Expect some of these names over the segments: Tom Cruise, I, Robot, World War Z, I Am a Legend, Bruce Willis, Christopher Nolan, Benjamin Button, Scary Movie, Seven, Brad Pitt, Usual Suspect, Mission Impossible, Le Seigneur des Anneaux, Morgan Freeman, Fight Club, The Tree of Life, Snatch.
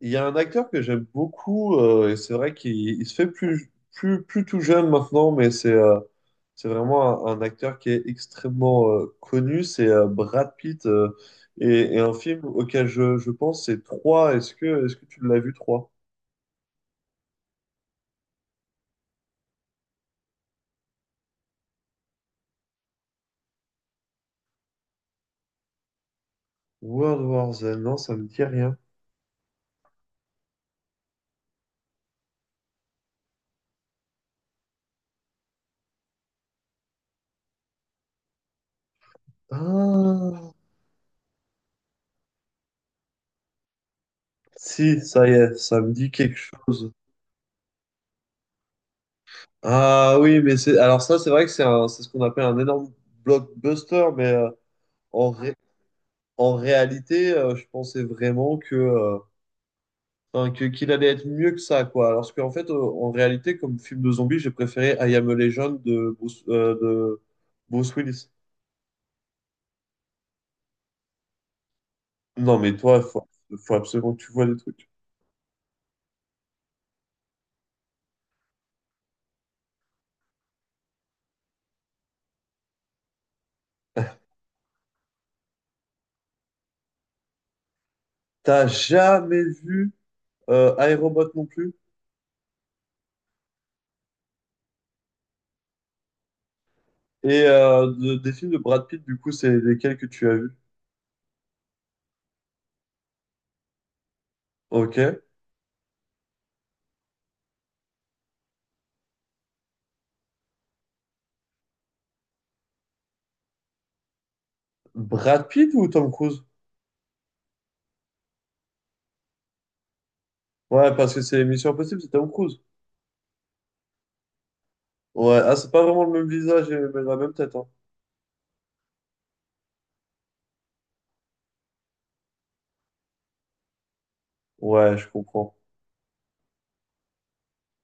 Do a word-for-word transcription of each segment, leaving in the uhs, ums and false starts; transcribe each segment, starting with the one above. Il y a un acteur que j'aime beaucoup, euh, et c'est vrai qu'il il se fait plus, plus, plus tout jeune maintenant, mais c'est euh, c'est vraiment un, un acteur qui est extrêmement euh, connu, c'est euh, Brad Pitt, euh, et, et un film auquel je, je pense, c'est trois. Est-ce que, est-ce que tu l'as vu, trois? World War Z, non, ça me dit rien. Ah, si, ça y est, ça me dit quelque chose. Ah oui, mais c'est alors ça, c'est vrai que c'est un- c'est ce qu'on appelle un énorme blockbuster, mais euh, en, ré- En réalité, euh, je pensais vraiment que, euh, enfin, que- qu'il allait être mieux que ça, quoi. Alors qu'en fait, euh, en réalité, comme film de zombie, j'ai préféré I Am a Legend de Bruce, euh, de Bruce Willis. Non, mais toi, faut, faut absolument que tu vois des trucs. T'as jamais vu euh, I, Robot non plus? Et euh, de- des films de Brad Pitt, du coup, c'est lesquels que tu as vus? Ok. Brad Pitt ou Tom Cruise? Ouais, parce que c'est Mission Impossible, c'est Tom Cruise. Ouais, ah, c'est pas vraiment le même visage et la même tête, hein. Ouais, je comprends.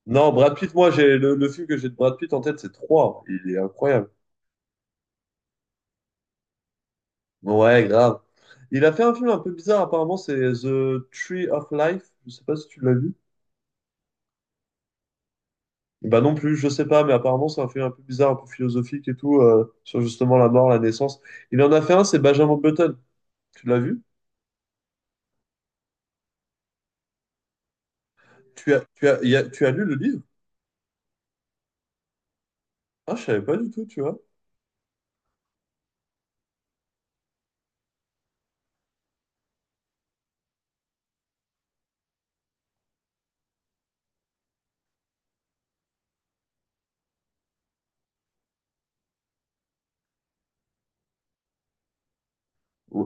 Non, Brad Pitt, moi, j'ai le, le film que j'ai de Brad Pitt en tête, c'est trois. Il est incroyable. Ouais, grave. Il a fait un film un peu bizarre, apparemment, c'est The Tree of Life. Je sais pas si tu l'as vu. Bah non plus, je sais pas, mais apparemment, c'est un film un peu bizarre, un peu philosophique et tout, euh, sur justement la mort, la naissance. Il en a fait un, c'est Benjamin Button. Tu l'as vu? Tu as, tu as, il y a- tu as lu le livre? Ah, je savais pas du tout, tu vois.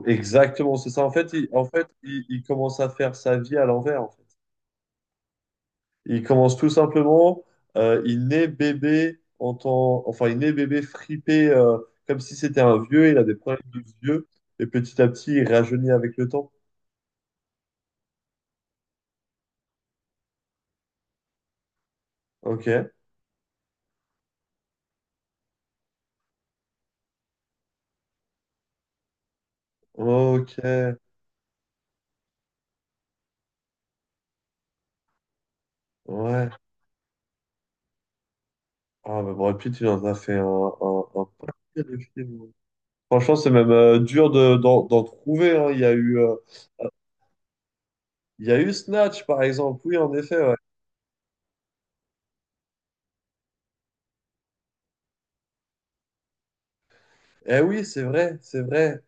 Exactement, c'est ça. En fait, il, en fait, il, il commence à faire sa vie à l'envers, en fait. Il commence tout simplement, euh, il naît bébé en tant- enfin il naît bébé fripé euh, comme si c'était un vieux, il a des problèmes de vieux et petit à petit il rajeunit avec le temps. Ok, ok, ouais. Ah bah Brad Pitt, il en a fait un, un, un paquet de films. Franchement, c'est même euh, dur de, d'en, d'en trouver, hein. Il y a eu, euh, il y a eu Snatch par exemple. Oui, en effet. Ouais. Eh oui, c'est vrai, c'est vrai.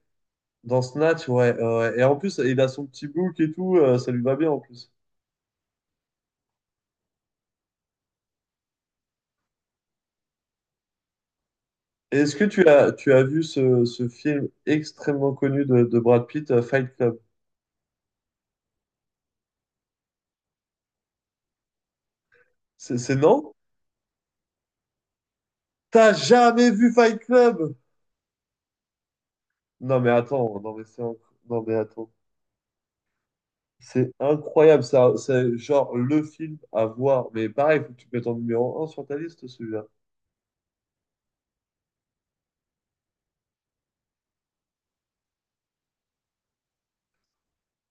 Dans Snatch, ouais, ouais. Et en plus, il a son petit bouc et tout, euh, ça lui va bien en plus. Est-ce que tu as, tu as vu ce, ce film extrêmement connu de, de Brad Pitt, euh, Fight Club? C'est c'est non? T'as jamais vu Fight Club? Non mais attends, non mais c'est inc- non mais attends. C'est incroyable, ça, c'est genre le film à voir. Mais pareil, faut que tu te mettes en numéro un sur ta liste, celui-là.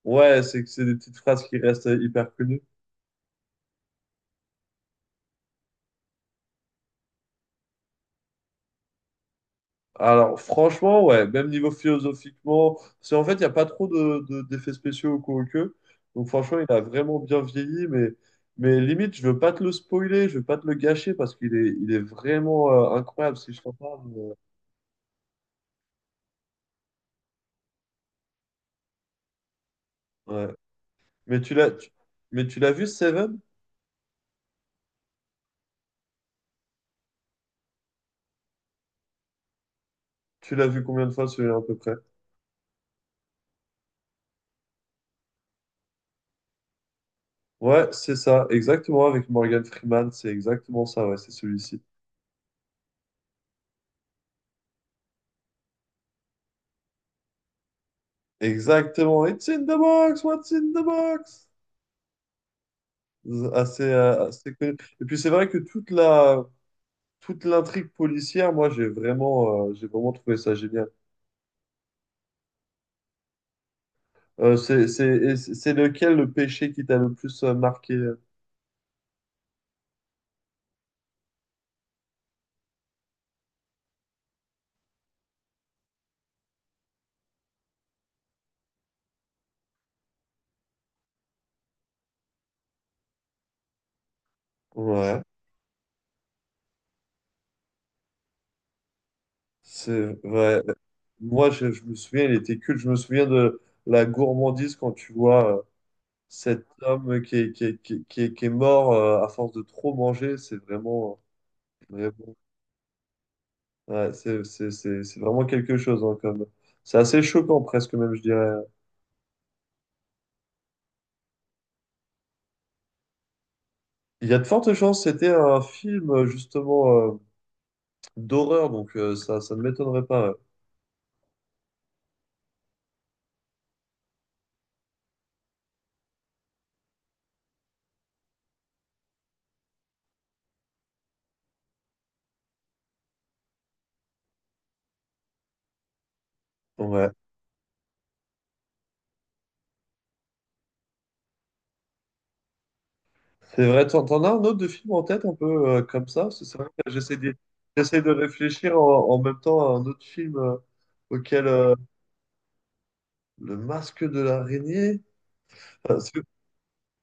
Ouais, c'est que c'est des petites phrases qui restent euh, hyper connues. Alors, franchement, ouais, même niveau philosophiquement, parce qu'en fait, il n'y a pas trop de, de- d'effets spéciaux au coup au queue. Donc, franchement, il a vraiment bien vieilli, mais, mais limite, je veux pas te le spoiler, je veux pas te le gâcher parce qu'il est, il est vraiment euh, incroyable si je t'en parle. Mais, ouais. Mais tu l'as, tu- mais tu l'as vu, Seven? Tu l'as vu combien de fois celui-là à peu près? Ouais, c'est ça, exactement, avec Morgan Freeman, c'est exactement ça, ouais, c'est celui-ci. Exactement, It's in the box, what's in the box? Assez, euh, assez connu. Et puis c'est vrai que toute la toute l'intrigue policière, moi j'ai vraiment euh, j'ai vraiment trouvé ça génial. Euh, c'est c'est et c'est c'est lequel le péché qui t'a le plus euh, marqué? euh Ouais, c'est ouais. Moi je, je me souviens, il était culte. Je me souviens de la gourmandise quand tu vois euh, cet homme qui est qui est, qui est, qui est- qui est mort euh, à force de trop manger. C'est vraiment vraiment ouais, c'est c'est c'est c'est vraiment quelque chose hein, comme. C'est assez choquant presque même je dirais. Il y a de fortes chances, c'était un film euh, justement euh, d'horreur, donc euh, ça, ça ne m'étonnerait pas. Ouais. Ouais. C'est vrai, t'en, t'en as un autre de film en tête un peu euh, comme ça? C'est c'est vrai que j'essaie de, j'essaie de réfléchir en, en même temps à un autre film euh, auquel euh, Le Masque de l'araignée. Enfin, c'est-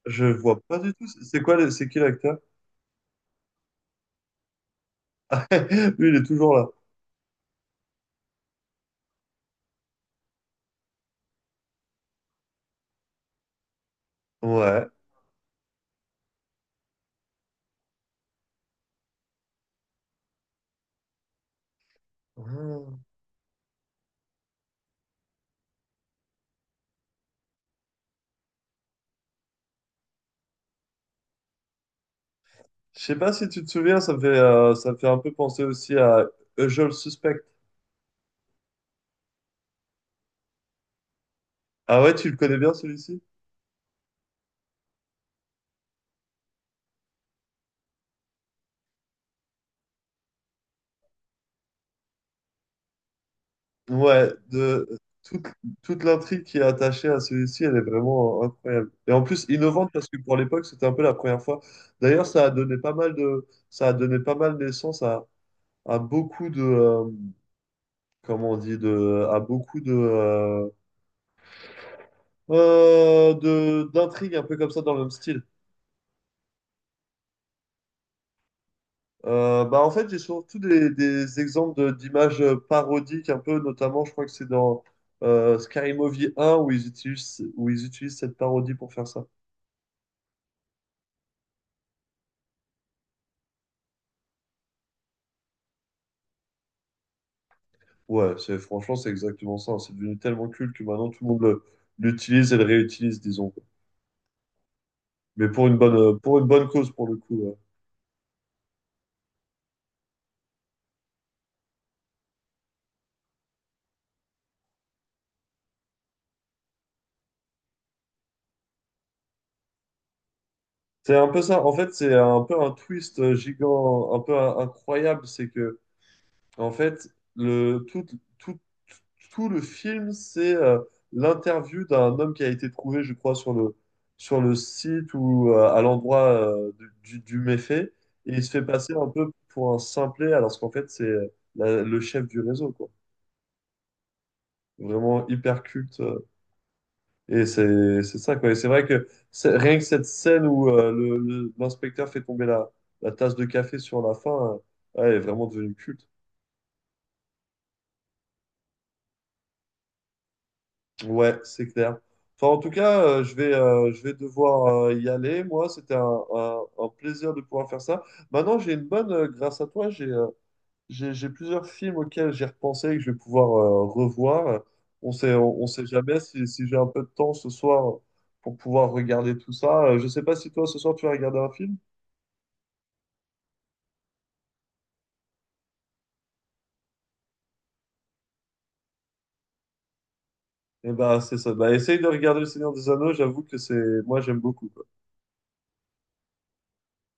je vois pas du tout. C'est c'est quoi, le- c'est qui l'acteur? Lui, il est toujours là. Ouais. Hmm. Je sais pas si tu te souviens, ça me fait, euh, ça me fait un peu penser aussi à Usual Suspect. Ah ouais, tu le connais bien celui-ci? Ouais, de, toute, toute l'intrigue qui est attachée à celui-ci, elle est vraiment euh, incroyable. Et en plus, innovante parce que pour l'époque, c'était un peu la première fois. D'ailleurs, ça a donné pas mal de, ça a donné pas mal naissance à, à beaucoup de, euh, comment on dit, de, à beaucoup de, euh, euh, de, d'intrigues un peu comme ça dans le même style. Euh, bah en fait, j'ai surtout des, des exemples de- d'images parodiques un peu, notamment, je crois que c'est dans euh, Scary Movie un où ils utilisent, où ils utilisent cette parodie pour faire ça. Ouais, c'est, franchement, c'est exactement ça. C'est devenu tellement culte que maintenant tout le monde le- l'utilise et le réutilise, disons. Mais pour une bonne, euh, pour une bonne cause, pour le coup, ouais. C'est un peu ça. En fait, c'est un peu un twist euh, gigant, un peu in- incroyable. C'est que, en fait, le, tout, tout, tout le film, c'est euh, l'interview d'un homme qui a été trouvé, je crois, sur le, sur le site ou euh, à l'endroit euh, du, du méfait. Et il se fait passer un peu pour un simplet, alors qu'en fait, c'est euh, la- le chef du réseau, quoi. Vraiment hyper culte. euh, Et c'est c'est ça, quoi. Et c'est vrai que c'est- rien que cette scène où euh, le- le- l'inspecteur fait tomber la, la tasse de café sur la fin, euh, ouais, elle est vraiment devenue culte. Ouais, c'est clair. Enfin, en tout cas, euh, je vais, euh, je vais devoir euh, y aller. Moi, c'était un, un- un plaisir de pouvoir faire ça. Maintenant, j'ai une bonne, euh, grâce à toi, j'ai euh, J'ai j'ai plusieurs films auxquels j'ai repensé et que je vais pouvoir euh, revoir. On sait, on, on sait jamais si, si j'ai un peu de temps ce soir pour pouvoir regarder tout ça. Euh, Je sais pas si toi ce soir tu vas regarder un film. Eh ben c'est ça. Bah, essaye de regarder Le Seigneur des Anneaux. J'avoue que c'est moi j'aime beaucoup quoi.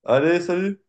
Allez, salut!